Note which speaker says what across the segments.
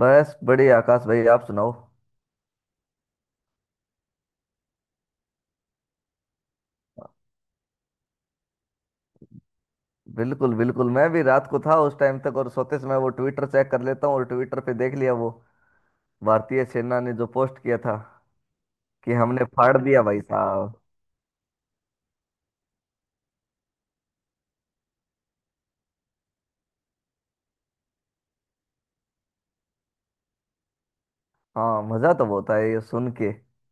Speaker 1: बस बढ़िया आकाश भाई। आप सुनाओ। बिल्कुल बिल्कुल, मैं भी रात को था उस टाइम तक और सोते समय वो ट्विटर चेक कर लेता हूँ और ट्विटर पे देख लिया वो भारतीय सेना ने जो पोस्ट किया था कि हमने फाड़ दिया भाई साहब। हाँ, मजा तो बहुत आया ये सुन के कि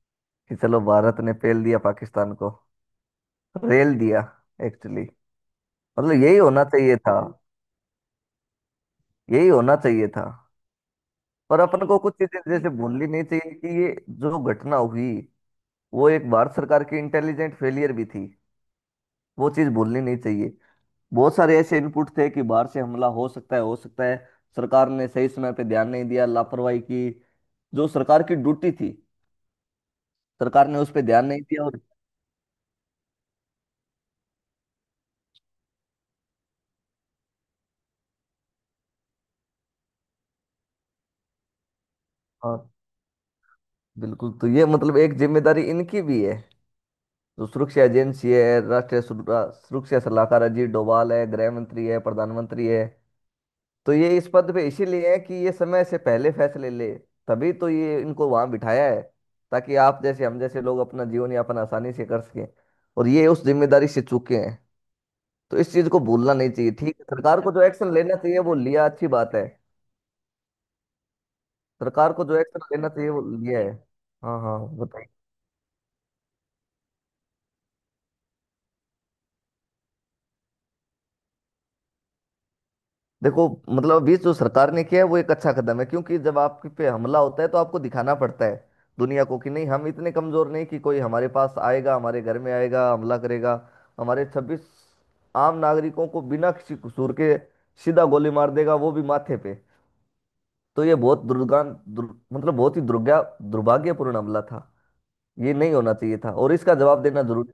Speaker 1: चलो भारत ने पेल दिया पाकिस्तान को, रेल दिया एक्चुअली। मतलब यही होना चाहिए था, यही होना चाहिए था। पर अपन को कुछ चीजें जैसे भूलनी नहीं चाहिए कि ये जो घटना हुई वो एक भारत सरकार की इंटेलिजेंट फेलियर भी थी। वो चीज भूलनी नहीं चाहिए। बहुत सारे ऐसे इनपुट थे कि बाहर से हमला हो सकता है, हो सकता है। सरकार ने सही समय पे ध्यान नहीं दिया, लापरवाही की। जो सरकार की ड्यूटी थी, सरकार ने उस पर ध्यान नहीं दिया और हाँ, बिल्कुल। तो ये मतलब एक जिम्मेदारी इनकी भी है, जो सुरक्षा एजेंसी है। राष्ट्रीय सुरक्षा, सुरक्षा सलाहकार अजीत डोभाल है, गृह मंत्री है, प्रधानमंत्री है। तो ये इस पद पे इसीलिए है कि ये समय से पहले फैसले ले। तभी तो ये इनको वहां बिठाया है ताकि आप जैसे हम जैसे लोग अपना जीवन यापन आसानी से कर सकें। और ये उस जिम्मेदारी से चूके हैं। तो इस चीज को भूलना नहीं चाहिए। ठीक है, सरकार को जो एक्शन लेना चाहिए वो लिया, अच्छी बात है। सरकार को जो एक्शन लेना चाहिए वो लिया है। हाँ हाँ, बताइए। देखो, मतलब अभी जो सरकार ने किया है वो एक अच्छा कदम है, क्योंकि जब आप पे हमला होता है तो आपको दिखाना पड़ता है दुनिया को कि नहीं, हम इतने कमजोर नहीं कि कोई हमारे पास आएगा, हमारे घर में आएगा, हमला करेगा, हमारे 26 आम नागरिकों को बिना किसी कसूर के सीधा गोली मार देगा, वो भी माथे पे। तो ये बहुत मतलब बहुत ही दुर्गा दुर्भाग्यपूर्ण हमला था। ये नहीं होना चाहिए था और इसका जवाब देना जरूरी।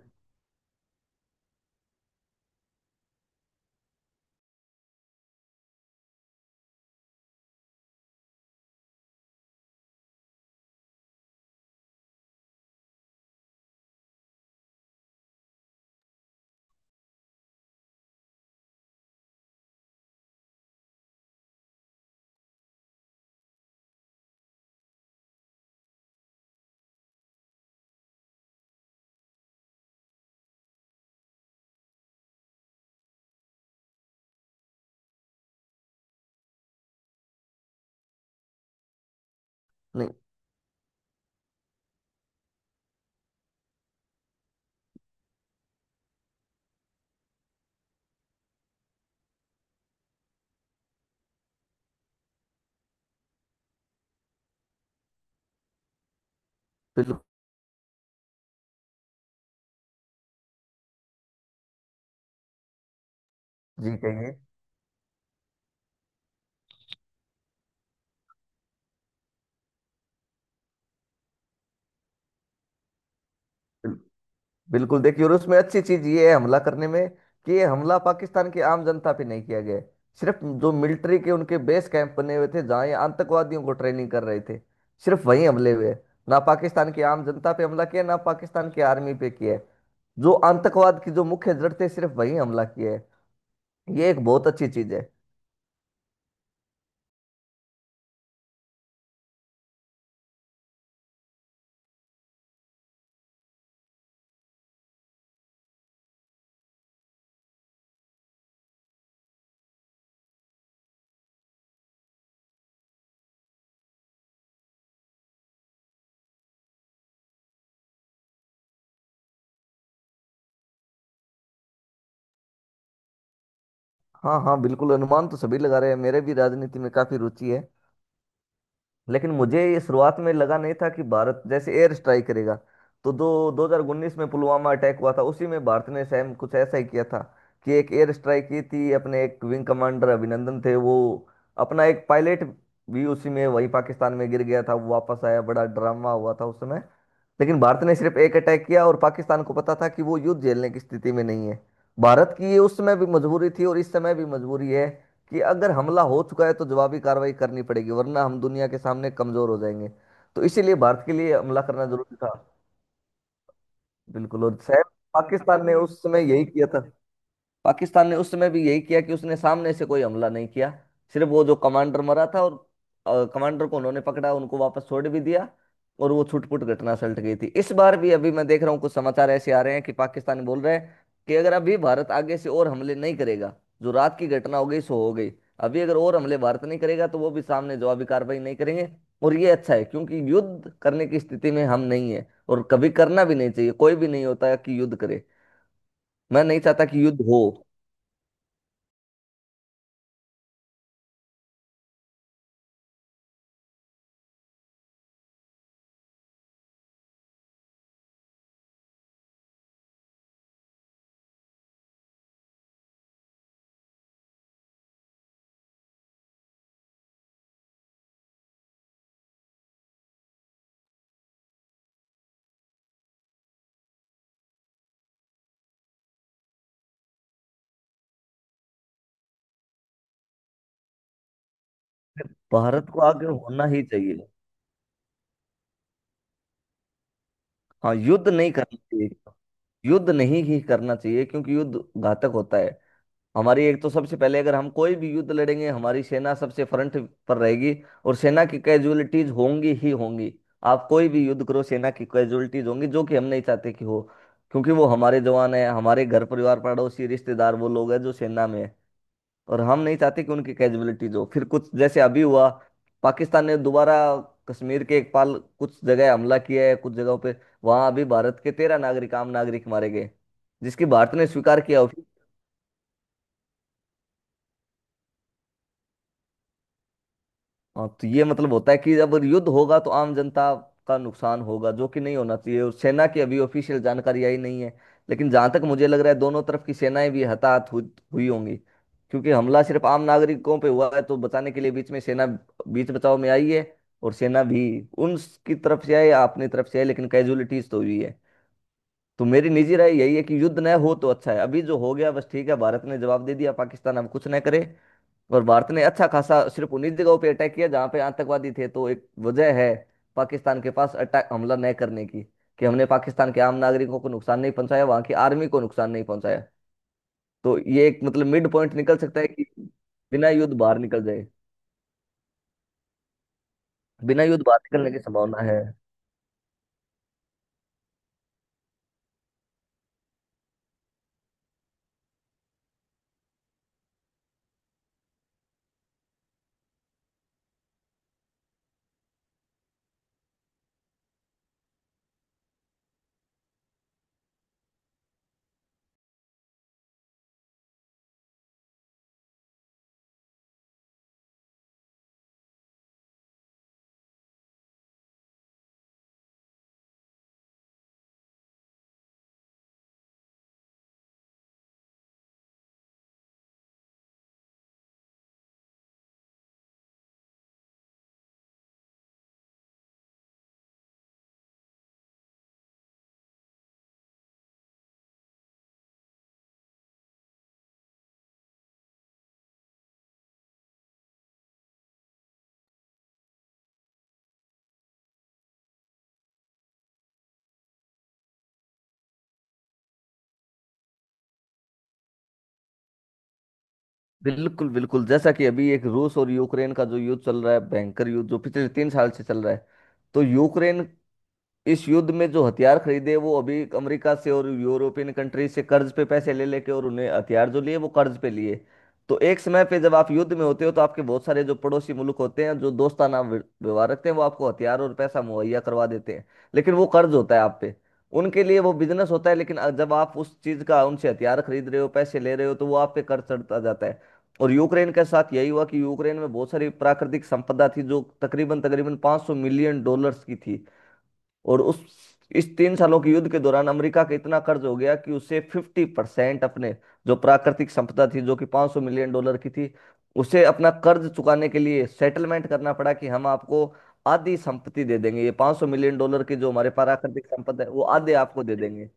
Speaker 1: नहीं, बिल्कुल। जी कहिए। बिल- बिल्कुल, देखिए, और उसमें अच्छी चीज ये है हमला करने में कि ये हमला पाकिस्तान की आम जनता पे नहीं किया गया है। सिर्फ जो मिलिट्री के उनके बेस कैंप बने हुए थे जहाँ ये आतंकवादियों को ट्रेनिंग कर रहे थे, सिर्फ वहीं हमले हुए हैं। ना पाकिस्तान की आम जनता पे हमला किया, ना पाकिस्तान की आर्मी पे किया है। जो आतंकवाद की जो मुख्य जड़ थे, सिर्फ वहीं हमला किया है। ये एक बहुत अच्छी चीज है। हाँ हाँ, बिल्कुल। अनुमान तो सभी लगा रहे हैं, मेरे भी राजनीति में काफी रुचि है। लेकिन मुझे ये शुरुआत में लगा नहीं था कि भारत जैसे एयर स्ट्राइक करेगा। तो दो 2019 में पुलवामा अटैक हुआ था, उसी में भारत ने सेम कुछ ऐसा ही किया था कि एक एयर स्ट्राइक की थी। अपने एक विंग कमांडर अभिनंदन थे वो, अपना एक पायलट भी उसी में वही पाकिस्तान में गिर गया था। वो वापस आया, बड़ा ड्रामा हुआ था उस समय। लेकिन भारत ने सिर्फ एक अटैक किया और पाकिस्तान को पता था कि वो युद्ध झेलने की स्थिति में नहीं है। भारत की ये उस समय भी मजबूरी थी और इस समय भी मजबूरी है कि अगर हमला हो चुका है तो जवाबी कार्रवाई करनी पड़ेगी, वरना हम दुनिया के सामने कमजोर हो जाएंगे। तो इसीलिए भारत के लिए हमला करना जरूरी था। बिल्कुल, और शायद पाकिस्तान ने उस समय यही किया था। पाकिस्तान ने उस समय भी यही किया कि उसने सामने से कोई हमला नहीं किया, सिर्फ वो जो कमांडर मरा था और कमांडर को उन्होंने पकड़ा, उनको वापस छोड़ भी दिया और वो छुटपुट घटना सलट गई थी। इस बार भी अभी मैं देख रहा हूँ कुछ समाचार ऐसे आ रहे हैं कि पाकिस्तान बोल रहे हैं कि अगर अभी भारत आगे से और हमले नहीं करेगा, जो रात की घटना हो गई सो हो गई, अभी अगर और हमले भारत नहीं करेगा तो वो भी सामने जवाबी कार्रवाई नहीं करेंगे। और ये अच्छा है, क्योंकि युद्ध करने की स्थिति में हम नहीं है और कभी करना भी नहीं चाहिए। कोई भी नहीं होता कि युद्ध करे, मैं नहीं चाहता कि युद्ध हो। भारत को आगे होना ही चाहिए। हाँ, युद्ध नहीं करना चाहिए, युद्ध नहीं ही करना चाहिए, क्योंकि युद्ध घातक होता है। हमारी एक तो सबसे पहले, अगर हम कोई भी युद्ध लड़ेंगे हमारी सेना सबसे फ्रंट पर रहेगी और सेना की कैजुअलिटीज होंगी ही होंगी। आप कोई भी युद्ध करो, सेना की कैजुअलिटीज होंगी, जो कि हम नहीं चाहते कि हो। क्योंकि वो हमारे जवान है, हमारे घर परिवार पड़ोसी रिश्तेदार वो लोग हैं जो सेना में है। और हम नहीं चाहते कि उनकी कैजुअलिटीज हो। फिर कुछ जैसे अभी हुआ, पाकिस्तान ने दोबारा कश्मीर के एक पाल कुछ जगह हमला किया है, कुछ जगहों पे। वहां अभी भारत के 13 नागरिक, आम नागरिक मारे गए, जिसकी भारत ने स्वीकार किया। हाँ, तो ये मतलब होता है कि जब युद्ध होगा तो आम जनता का नुकसान होगा, जो कि नहीं होना चाहिए। और सेना की अभी ऑफिशियल जानकारी आई नहीं है, लेकिन जहां तक मुझे लग रहा है दोनों तरफ की सेनाएं भी हताहत हुई हुई होंगी। क्योंकि हमला सिर्फ आम नागरिकों पे हुआ है तो बचाने के लिए बीच में सेना, बीच बचाव में आई है। और सेना भी उनकी तरफ से आई या अपनी तरफ से आई, लेकिन कैजुअलिटीज तो हुई है। तो मेरी निजी राय यही है कि युद्ध न हो तो अच्छा है, अभी जो हो गया बस ठीक है, भारत ने जवाब दे दिया, पाकिस्तान अब कुछ न करे। और भारत ने अच्छा खासा सिर्फ उन्हीं जगहों पे अटैक किया जहां पे आतंकवादी थे, तो एक वजह है पाकिस्तान के पास अटैक हमला न करने की कि हमने पाकिस्तान के आम नागरिकों को नुकसान नहीं पहुंचाया, वहां की आर्मी को नुकसान नहीं पहुंचाया। तो ये एक मतलब मिड पॉइंट निकल सकता है कि बिना युद्ध बाहर निकल जाए, बिना युद्ध बाहर निकलने की संभावना है। बिल्कुल बिल्कुल, जैसा कि अभी एक रूस और यूक्रेन का जो युद्ध चल रहा है, भयंकर युद्ध जो पिछले 3 साल से चल रहा है, तो यूक्रेन इस युद्ध में जो हथियार खरीदे वो अभी अमेरिका से और यूरोपियन कंट्री से कर्ज पे पैसे ले लेके, और उन्हें हथियार जो लिए वो कर्ज पे लिए। तो एक समय पे जब आप युद्ध में होते हो तो आपके बहुत सारे जो पड़ोसी मुल्क होते हैं जो दोस्ताना व्यवहार रखते हैं, वो आपको हथियार और पैसा मुहैया करवा देते हैं। लेकिन वो कर्ज होता है आप पे, उनके लिए वो बिजनेस होता है। लेकिन जब आप उस चीज का उनसे हथियार खरीद रहे हो, पैसे ले रहे हो, तो वो आप पे कर्ज चढ़ता जाता है। और यूक्रेन के साथ यही हुआ कि यूक्रेन में बहुत सारी प्राकृतिक संपदा थी जो तकरीबन तकरीबन 500 मिलियन डॉलर्स की थी। और उस इस 3 सालों के युद्ध के दौरान अमेरिका का इतना कर्ज हो गया कि उसे 50% अपने जो प्राकृतिक संपदा थी जो कि 500 मिलियन डॉलर की थी, उसे अपना कर्ज चुकाने के लिए सेटलमेंट करना पड़ा कि हम आपको आधी संपत्ति दे देंगे, ये 500 मिलियन डॉलर की जो हमारे प्राकृतिक संपदा है वो आधे आपको दे देंगे।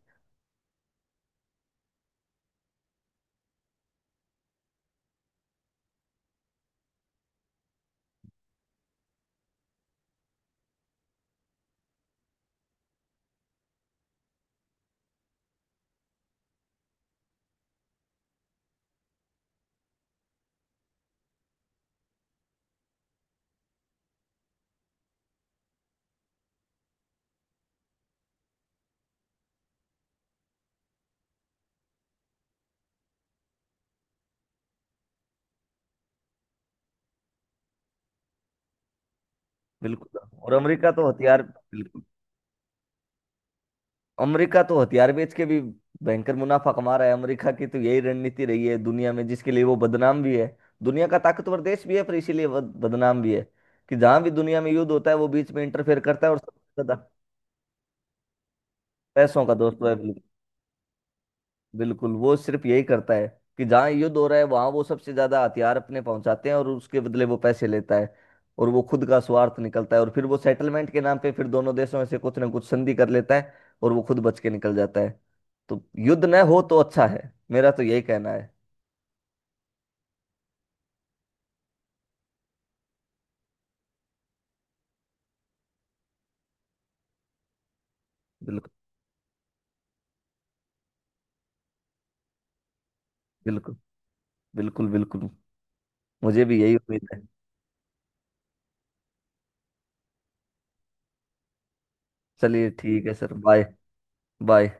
Speaker 1: बिल्कुल, और अमेरिका तो हथियार बिल्कुल, अमेरिका तो हथियार बेच के भी भयंकर मुनाफा कमा रहा है। अमेरिका की तो यही रणनीति रही है दुनिया में, जिसके लिए वो बदनाम भी है। दुनिया का ताकतवर देश भी है, पर इसीलिए वो बदनाम भी है कि जहाँ भी दुनिया में युद्ध होता है वो बीच में इंटरफेयर करता है और सबसे ज्यादा पैसों का दोस्त वो है। बिल्कुल, वो सिर्फ यही करता है कि जहाँ युद्ध हो रहा है वहां वो सबसे ज्यादा हथियार अपने पहुंचाते हैं और उसके बदले वो पैसे लेता है, और वो खुद का स्वार्थ निकलता है। और फिर वो सेटलमेंट के नाम पे फिर दोनों देशों में से कुछ ना कुछ संधि कर लेता है, और वो खुद बच के निकल जाता है। तो युद्ध न हो तो अच्छा है, मेरा तो यही कहना है। बिल्कुल बिल्कुल, बिल्कुल बिल्कुल। मुझे भी यही उम्मीद है। चलिए ठीक है सर, बाय। बाय।